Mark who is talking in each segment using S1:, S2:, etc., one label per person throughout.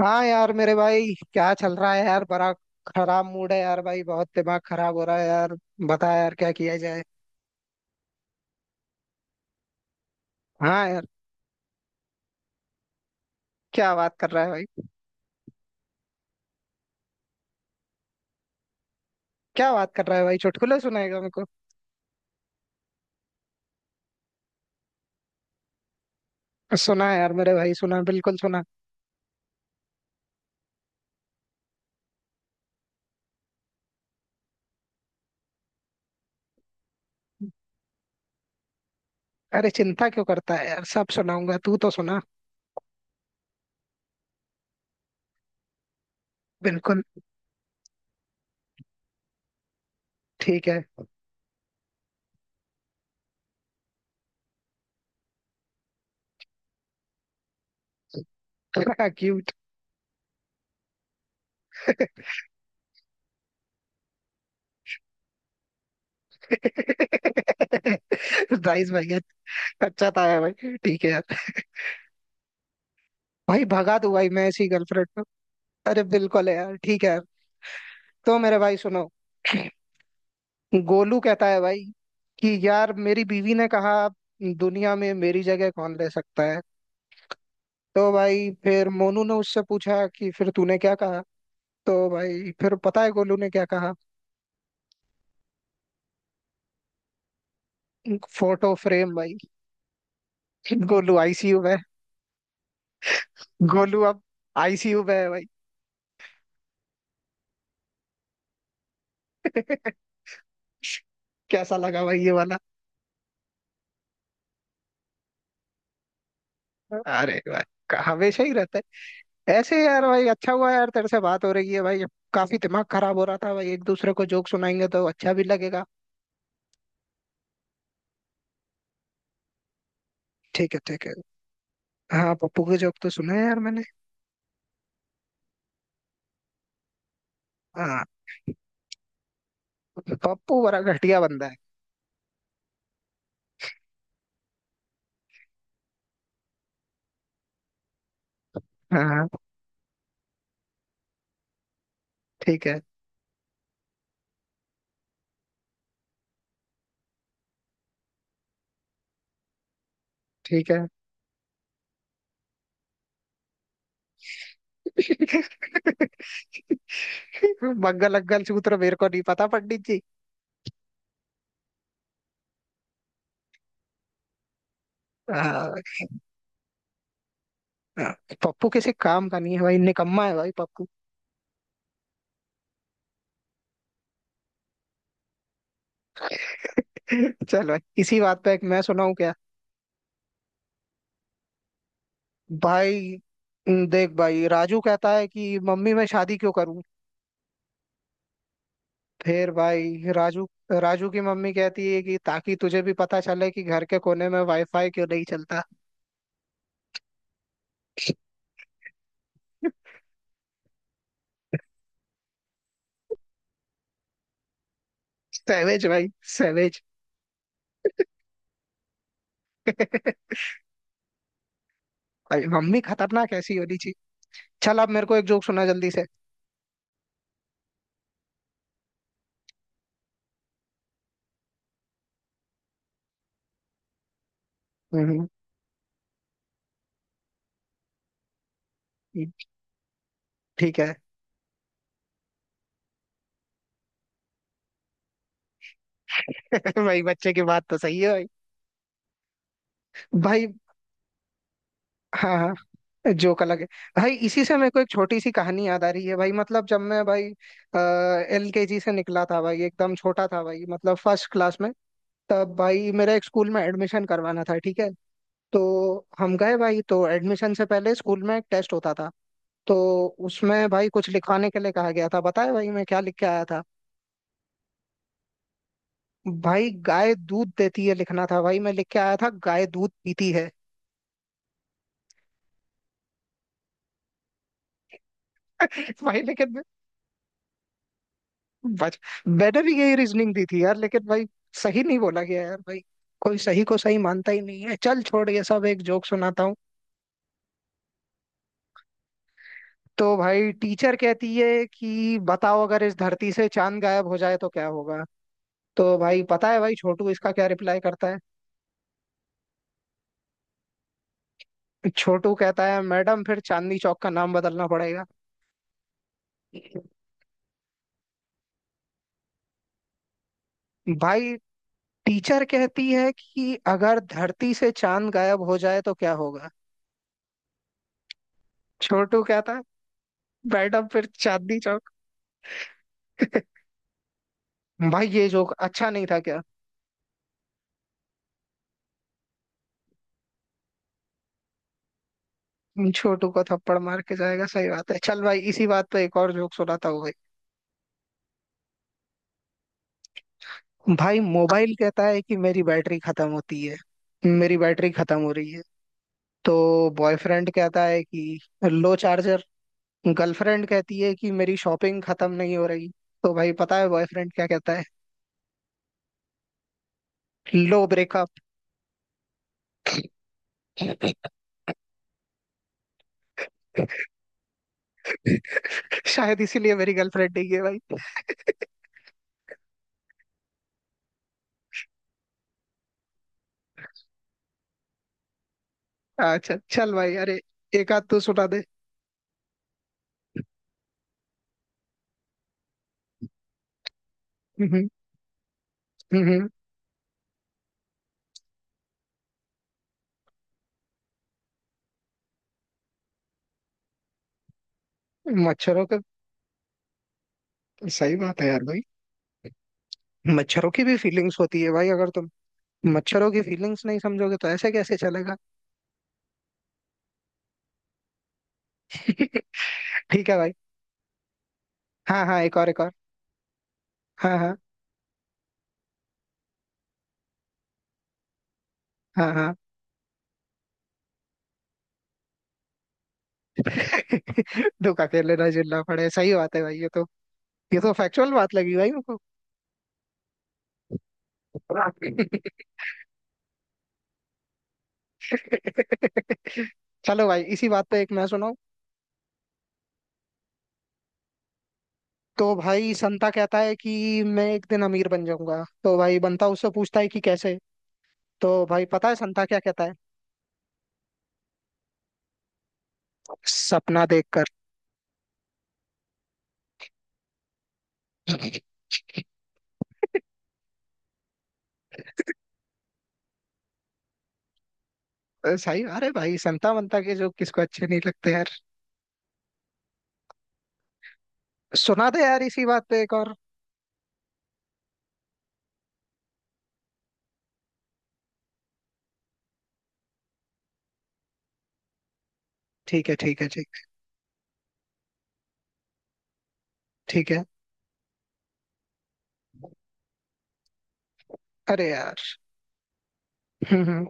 S1: हाँ यार, मेरे भाई क्या चल रहा है यार। बड़ा खराब मूड है यार भाई, बहुत दिमाग खराब हो रहा है यार। बता यार क्या किया जाए। हाँ यार। क्या बात कर रहा है भाई। क्या बात कर रहा है भाई, चुटकुले सुनाएगा मेरे को। सुना यार मेरे भाई, सुना बिल्कुल सुना। अरे चिंता क्यों करता है यार, सब सुनाऊंगा तू तो सुना। बिल्कुल। ठीक है। क्यूट। नाइस भाई। अच्छा था यार भाई, ठीक है यार। भाई भगा दूं भाई मैं ऐसी गर्लफ्रेंड को। अरे बिल्कुल है यार, ठीक है यार। तो मेरे भाई सुनो। गोलू कहता है भाई कि यार मेरी बीवी ने कहा दुनिया में मेरी जगह कौन ले सकता है। तो भाई फिर मोनू ने उससे पूछा कि फिर तूने क्या कहा। तो भाई फिर पता है गोलू ने क्या कहा। फोटो फ्रेम भाई। गोलू आईसीयू में है। गोलू अब आईसीयू में है भाई। कैसा लगा भाई ये वाला। अरे भाई। हमेशा ही रहता है ऐसे यार भाई। अच्छा हुआ यार तेरे से बात हो रही है भाई। काफी दिमाग खराब हो रहा था भाई, एक दूसरे को जोक सुनाएंगे तो अच्छा भी लगेगा। ठीक है ठीक है। हाँ पप्पू की जॉब तो सुना है यार मैंने। हाँ। पप्पू बड़ा घटिया बंदा है। हाँ। ठीक है ठीक है। मंगल अग्गल सूत्र मेरे को नहीं पता पंडित जी। हाँ। हाँ, पप्पू किसी काम का नहीं है भाई, निकम्मा है भाई पप्पू। चल भाई इसी बात पे एक मैं सुनाऊं क्या। भाई देख भाई राजू कहता है कि मम्मी मैं शादी क्यों करूं। फिर भाई राजू, राजू की मम्मी कहती है कि ताकि तुझे भी पता चले कि घर के कोने में वाईफाई क्यों नहीं चलता। सैवेज भाई। सैवेज। भाई मम्मी खतरनाक ऐसी होनी चाहिए। चल अब मेरे को एक जोक सुना जल्दी से। हम्म। ठीक है। भाई बच्चे की बात तो सही है भाई। भाई। हाँ हाँ। जोक अलग है। भाई इसी से मेरे को एक छोटी सी कहानी याद आ रही है भाई, मतलब जब मैं भाई LKG से निकला था भाई, एकदम छोटा था भाई, मतलब फर्स्ट क्लास में। तब भाई मेरा एक स्कूल में एडमिशन करवाना था, ठीक है। तो हम गए भाई, तो एडमिशन से पहले स्कूल में एक टेस्ट होता था। तो उसमें भाई कुछ लिखवाने के लिए कहा गया था, बताए भाई मैं क्या लिख के आया था। भाई गाय दूध देती है लिखना था, भाई मैं लिख के आया था गाय दूध पीती है। भाई लेकिन बच मैंने भी यही रीजनिंग दी थी यार, लेकिन भाई सही नहीं बोला गया यार भाई। कोई सही को सही मानता ही नहीं है। चल छोड़ ये सब, एक जोक सुनाता हूँ। तो भाई टीचर कहती है कि बताओ अगर इस धरती से चांद गायब हो जाए तो क्या होगा। तो भाई पता है भाई छोटू इसका क्या रिप्लाई करता है। छोटू कहता है मैडम फिर चांदनी चौक का नाम बदलना पड़ेगा। भाई टीचर कहती है कि अगर धरती से चांद गायब हो जाए तो क्या होगा। छोटू कहता है मैडम फिर चांदनी चौक। भाई ये जोक अच्छा नहीं था क्या। छोटू को थप्पड़ मार के जाएगा सही बात है। चल भाई इसी बात पे एक और जोक सुनाता हूँ भाई। भाई मोबाइल कहता है कि मेरी बैटरी खत्म होती है, मेरी बैटरी खत्म हो रही है। तो बॉयफ्रेंड कहता है कि लो चार्जर। गर्लफ्रेंड कहती है कि मेरी शॉपिंग खत्म नहीं हो रही। तो भाई पता है बॉयफ्रेंड क्या कहता है। लो ब्रेकअप। शायद इसीलिए मेरी गर्लफ्रेंड नहीं है भाई। अच्छा चल भाई। अरे एक आध तू सुना दे। हम्म, हम्म, मच्छरों का सही बात है यार भाई। मच्छरों की भी फीलिंग्स होती है भाई, अगर तुम मच्छरों की फीलिंग्स नहीं समझोगे तो ऐसे कैसे चलेगा। ठीक है भाई। हाँ हाँ एक और एक और। हाँ हाँ। हाँ हाँ। दुख अकेले ना झेलना पड़े सही बात है भाई, ये तो फैक्चुअल बात लगी भाई मुझको। चलो भाई इसी बात पे एक मैं सुनाऊं। तो भाई संता कहता है कि मैं एक दिन अमीर बन जाऊंगा। तो भाई बंता उससे पूछता है कि कैसे। तो भाई पता है संता क्या कहता है। सपना देखकर। सही। अरे भाई संता बंता के जो किसको अच्छे नहीं लगते यार। सुना दे यार इसी बात पे एक और। ठीक है ठीक है ठीक। ठीक है। अरे यार। हम्म।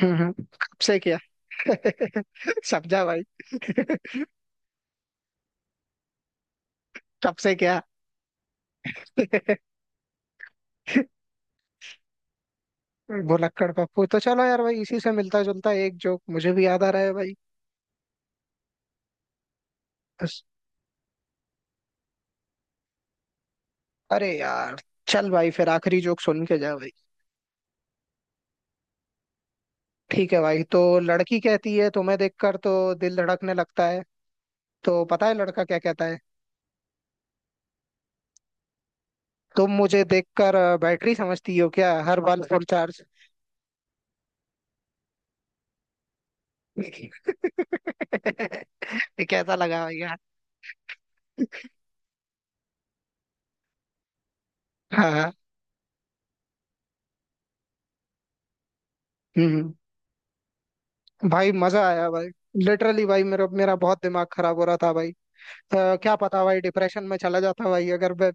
S1: हम्म हम्म, कब से क्या। समझा भाई। कब से क्या। भुलक्कड़ पप्पू। तो चलो यार भाई इसी से मिलता जुलता एक जोक मुझे भी याद आ रहा है भाई। अरे यार। चल भाई फिर आखिरी जोक सुन के जा भाई। ठीक है भाई। तो लड़की कहती है तुम्हें देखकर तो दिल धड़कने लगता है। तो पता है लड़का क्या कहता है। तुम मुझे देखकर बैटरी समझती हो क्या, हर बार फुल चार्ज। कैसा लगा भाई यार। हाँ। हम्म। भाई मजा आया भाई। लिटरली भाई मेरा मेरा बहुत दिमाग खराब हो रहा था भाई। क्या पता भाई डिप्रेशन में चला जाता भाई अगर मैं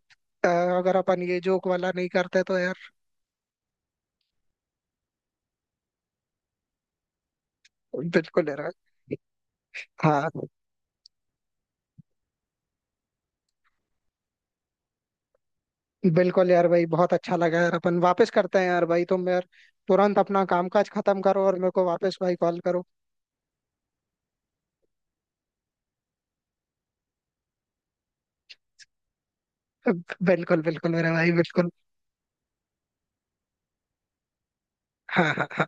S1: अगर अपन ये जोक वाला नहीं करते तो यार। बिल्कुल यार। हाँ। बिल्कुल यार भाई बहुत अच्छा लगा यार, अपन वापस करते हैं यार भाई, तुम यार तुरंत अपना कामकाज खत्म करो और मेरे को वापस भाई कॉल करो। बिल्कुल बिल्कुल मेरे भाई बिल्कुल। हाँ हाँ हाँ।